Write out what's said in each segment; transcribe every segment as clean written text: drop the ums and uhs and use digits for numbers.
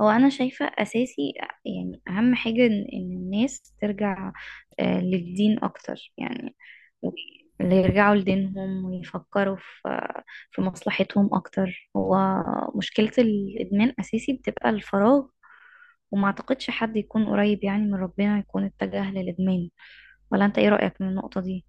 هو انا شايفة اساسي، يعني اهم حاجة إن الناس ترجع للدين اكتر. يعني و- اللي يرجعوا لدينهم ويفكروا في مصلحتهم اكتر. هو مشكلة الادمان اساسي بتبقى الفراغ، وما اعتقدش حد يكون قريب يعني من ربنا يكون اتجه للادمان. ولا انت ايه رأيك من النقطة دي؟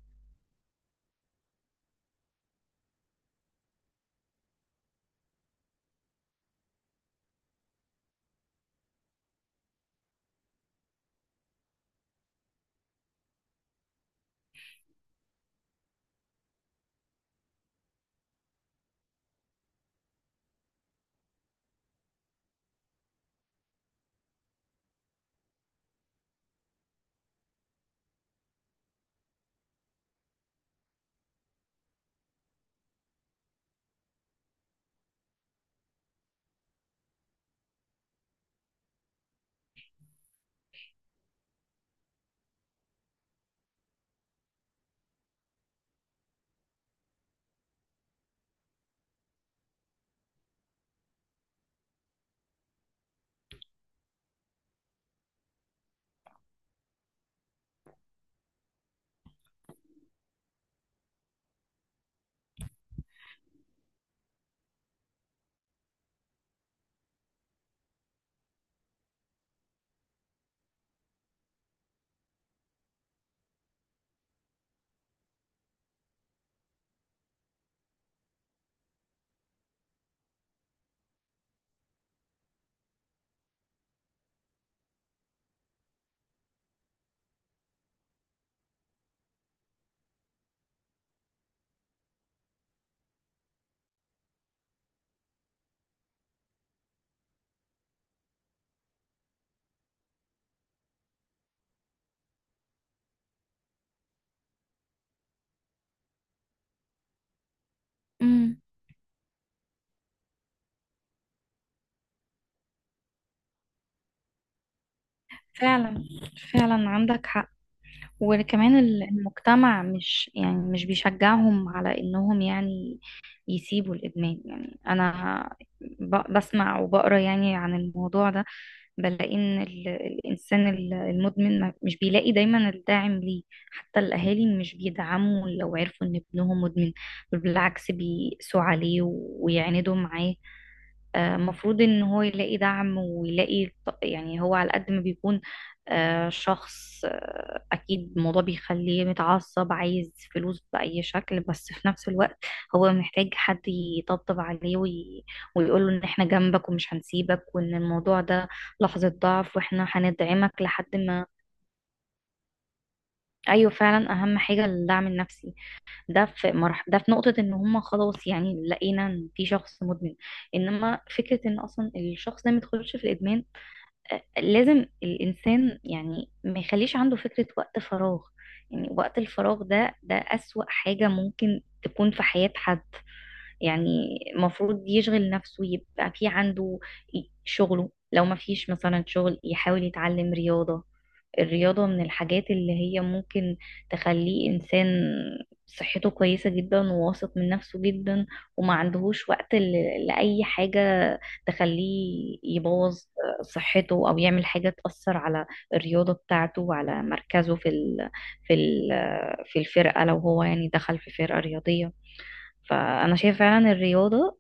امم. فعلا، فعلا عندك حق. وكمان المجتمع مش يعني مش بيشجعهم على انهم يعني يسيبوا الإدمان. يعني أنا بسمع وبقرا يعني عن الموضوع ده، بلاقي إن الإنسان المدمن مش بيلاقي دايما الداعم ليه. حتى الأهالي مش بيدعموا لو عرفوا إن ابنهم مدمن، بل بالعكس بيقسوا عليه ويعاندوا معاه. المفروض ان هو يلاقي دعم ويلاقي يعني، هو على قد ما بيكون شخص اكيد الموضوع بيخليه متعصب عايز فلوس باي شكل، بس في نفس الوقت هو محتاج حد يطبطب عليه ويقول له ان احنا جنبك ومش هنسيبك، وان الموضوع ده لحظة ضعف واحنا هندعمك لحد ما. ايوه، فعلا اهم حاجة الدعم النفسي. ده في نقطة ان هم خلاص، يعني لقينا ان في شخص مدمن. انما فكرة ان اصلا الشخص ده ما يدخلش في الادمان، لازم الانسان يعني ما يخليش عنده فكرة وقت فراغ. يعني وقت الفراغ ده اسوأ حاجة ممكن تكون في حياة حد. يعني المفروض يشغل نفسه، يبقى في عنده شغله. لو ما فيش مثلا شغل يحاول يتعلم رياضة. الرياضة من الحاجات اللي هي ممكن تخليه إنسان صحته كويسة جدا وواثق من نفسه جدا، وما عندهوش وقت لأي حاجة تخليه يبوظ صحته أو يعمل حاجة تأثر على الرياضة بتاعته وعلى مركزه في ال في الفرقة لو هو يعني دخل في فرقة رياضية. فأنا شايفة فعلا الرياضة،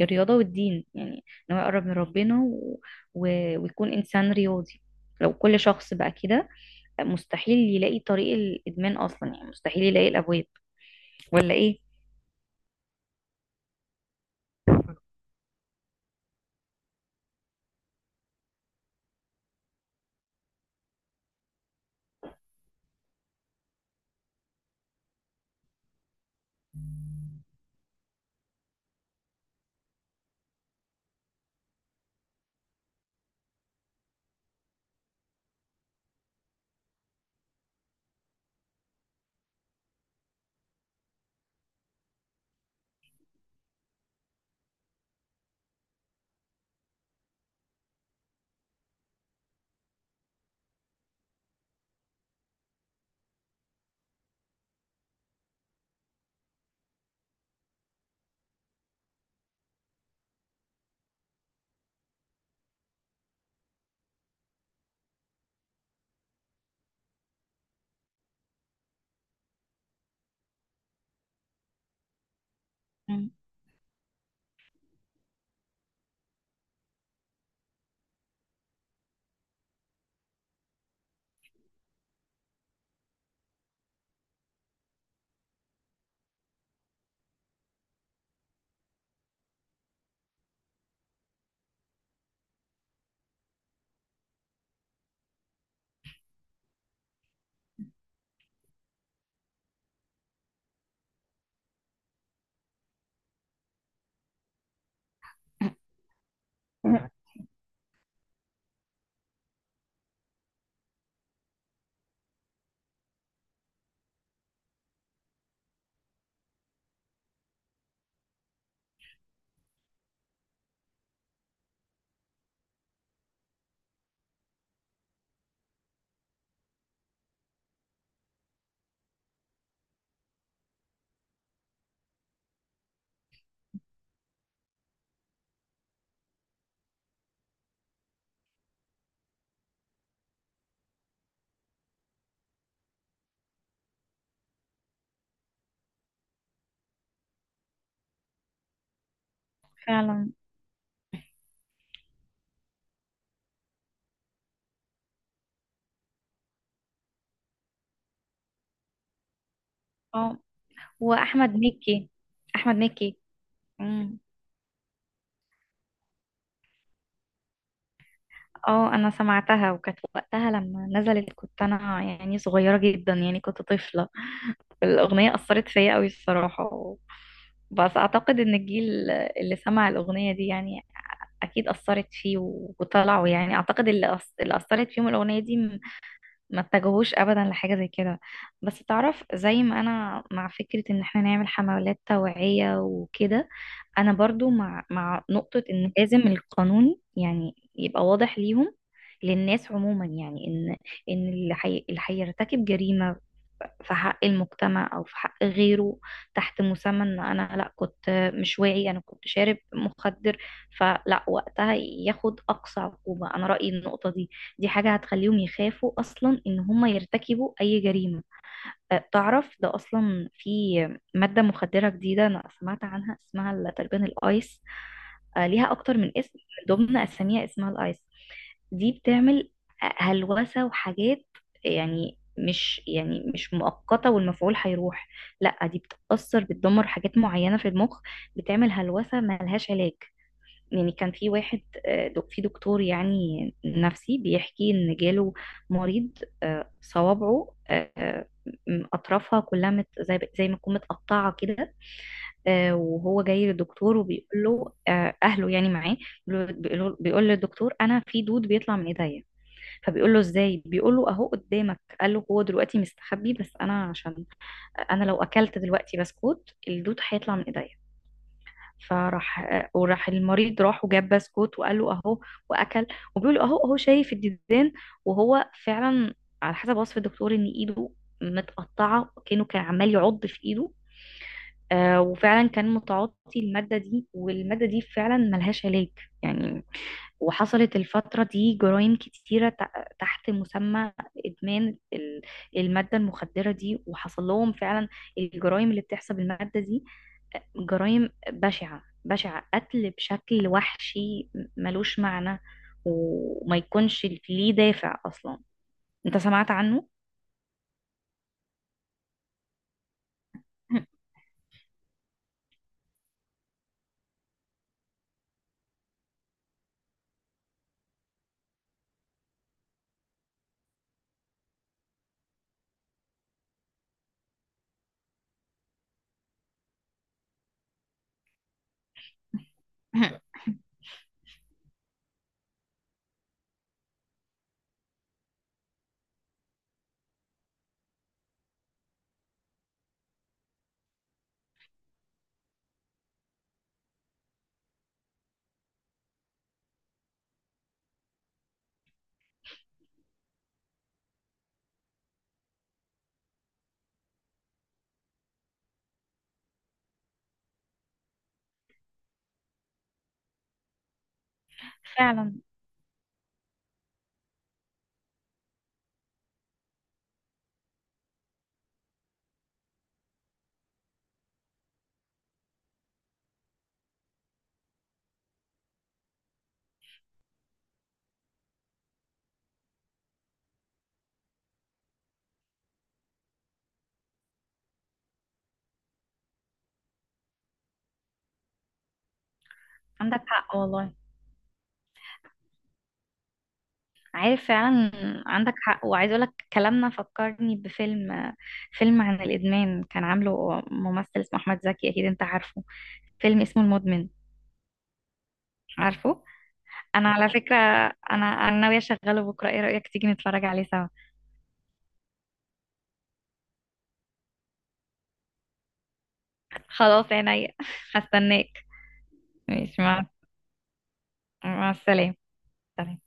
الرياضة والدين. يعني إن هو يقرب من ربنا و... ويكون إنسان رياضي. لو كل شخص بقى كده، مستحيل يلاقي طريق الادمان اصلا، يعني مستحيل يلاقي الابواب. ولا ايه؟ مم. فعلا. اه، واحمد مكي. احمد مكي. مم. اه، انا سمعتها وكانت وقتها لما نزلت كنت انا يعني صغيره جدا، يعني كنت طفله. الاغنيه اثرت فيا قوي الصراحه. بس اعتقد ان الجيل اللي سمع الاغنيه دي يعني اكيد اثرت فيه، وطلعوا يعني اعتقد اللي اللي اثرت فيهم الاغنيه دي ما اتجهوش ابدا لحاجه زي كده. بس تعرف، زي ما انا مع فكره ان احنا نعمل حملات توعيه وكده، انا برضو مع نقطه ان لازم القانون يعني يبقى واضح ليهم، للناس عموما. يعني ان اللي هيرتكب جريمه في حق المجتمع او في حق غيره تحت مسمى ان انا لا كنت مش واعي، انا كنت شارب مخدر، فلا، وقتها ياخد اقصى عقوبه. انا رايي النقطه دي، دي حاجة هتخليهم يخافوا أصلا إن هم يرتكبوا أي جريمة. تعرف ده أصلا في مادة مخدرة جديدة أنا سمعت عنها، اسمها تقريبا الآيس. ليها أكتر من اسم، من ضمن أساميها اسمها الآيس. دي بتعمل هلوسة وحاجات، يعني مش يعني مش مؤقتة والمفعول هيروح، لا، دي بتأثر بتدمر حاجات معينة في المخ، بتعمل هلوسة ملهاش علاج. يعني كان في واحد، في دكتور يعني نفسي بيحكي ان جاله مريض، صوابعه اطرافها كلها مت زي ما تكون متقطعه كده. وهو جاي للدكتور وبيقول له، اهله يعني معاه، بيقول للدكتور انا في دود بيطلع من ايديا. فبيقول له ازاي، بيقول له اهو قدامك. قال له هو دلوقتي مستخبي، بس انا عشان انا لو اكلت دلوقتي بسكوت الدود هيطلع من ايديا. فراح، وراح المريض راح وجاب بسكوت وقال له اهو، واكل، وبيقول له اهو اهو شايف الديدان. وهو فعلا على حسب وصف الدكتور ان ايده متقطعه، كانه كان عمال يعض في ايده. وفعلا كان متعاطي الماده دي، والماده دي فعلا ملهاش علاج. يعني وحصلت الفترة دي جرائم كتيرة تحت مسمى إدمان المادة المخدرة دي، وحصل لهم فعلا الجرائم اللي بتحصل بالمادة دي جرائم بشعة بشعة، قتل بشكل وحشي ملوش معنى وما يكونش ليه دافع أصلا. أنت سمعت عنه؟ فعلا عندك حق والله. عارف فعلا. عندك حق. وعايز اقولك كلامنا فكرني بفيلم، فيلم عن الادمان كان عامله ممثل اسمه احمد زكي، اكيد انت عارفه. فيلم اسمه المدمن، عارفه؟ انا على فكره، انا ناويه اشغله بكره، ايه رايك تيجي نتفرج عليه سوا؟ خلاص عينيا هستناك. ماشي، مع السلامه. سلام.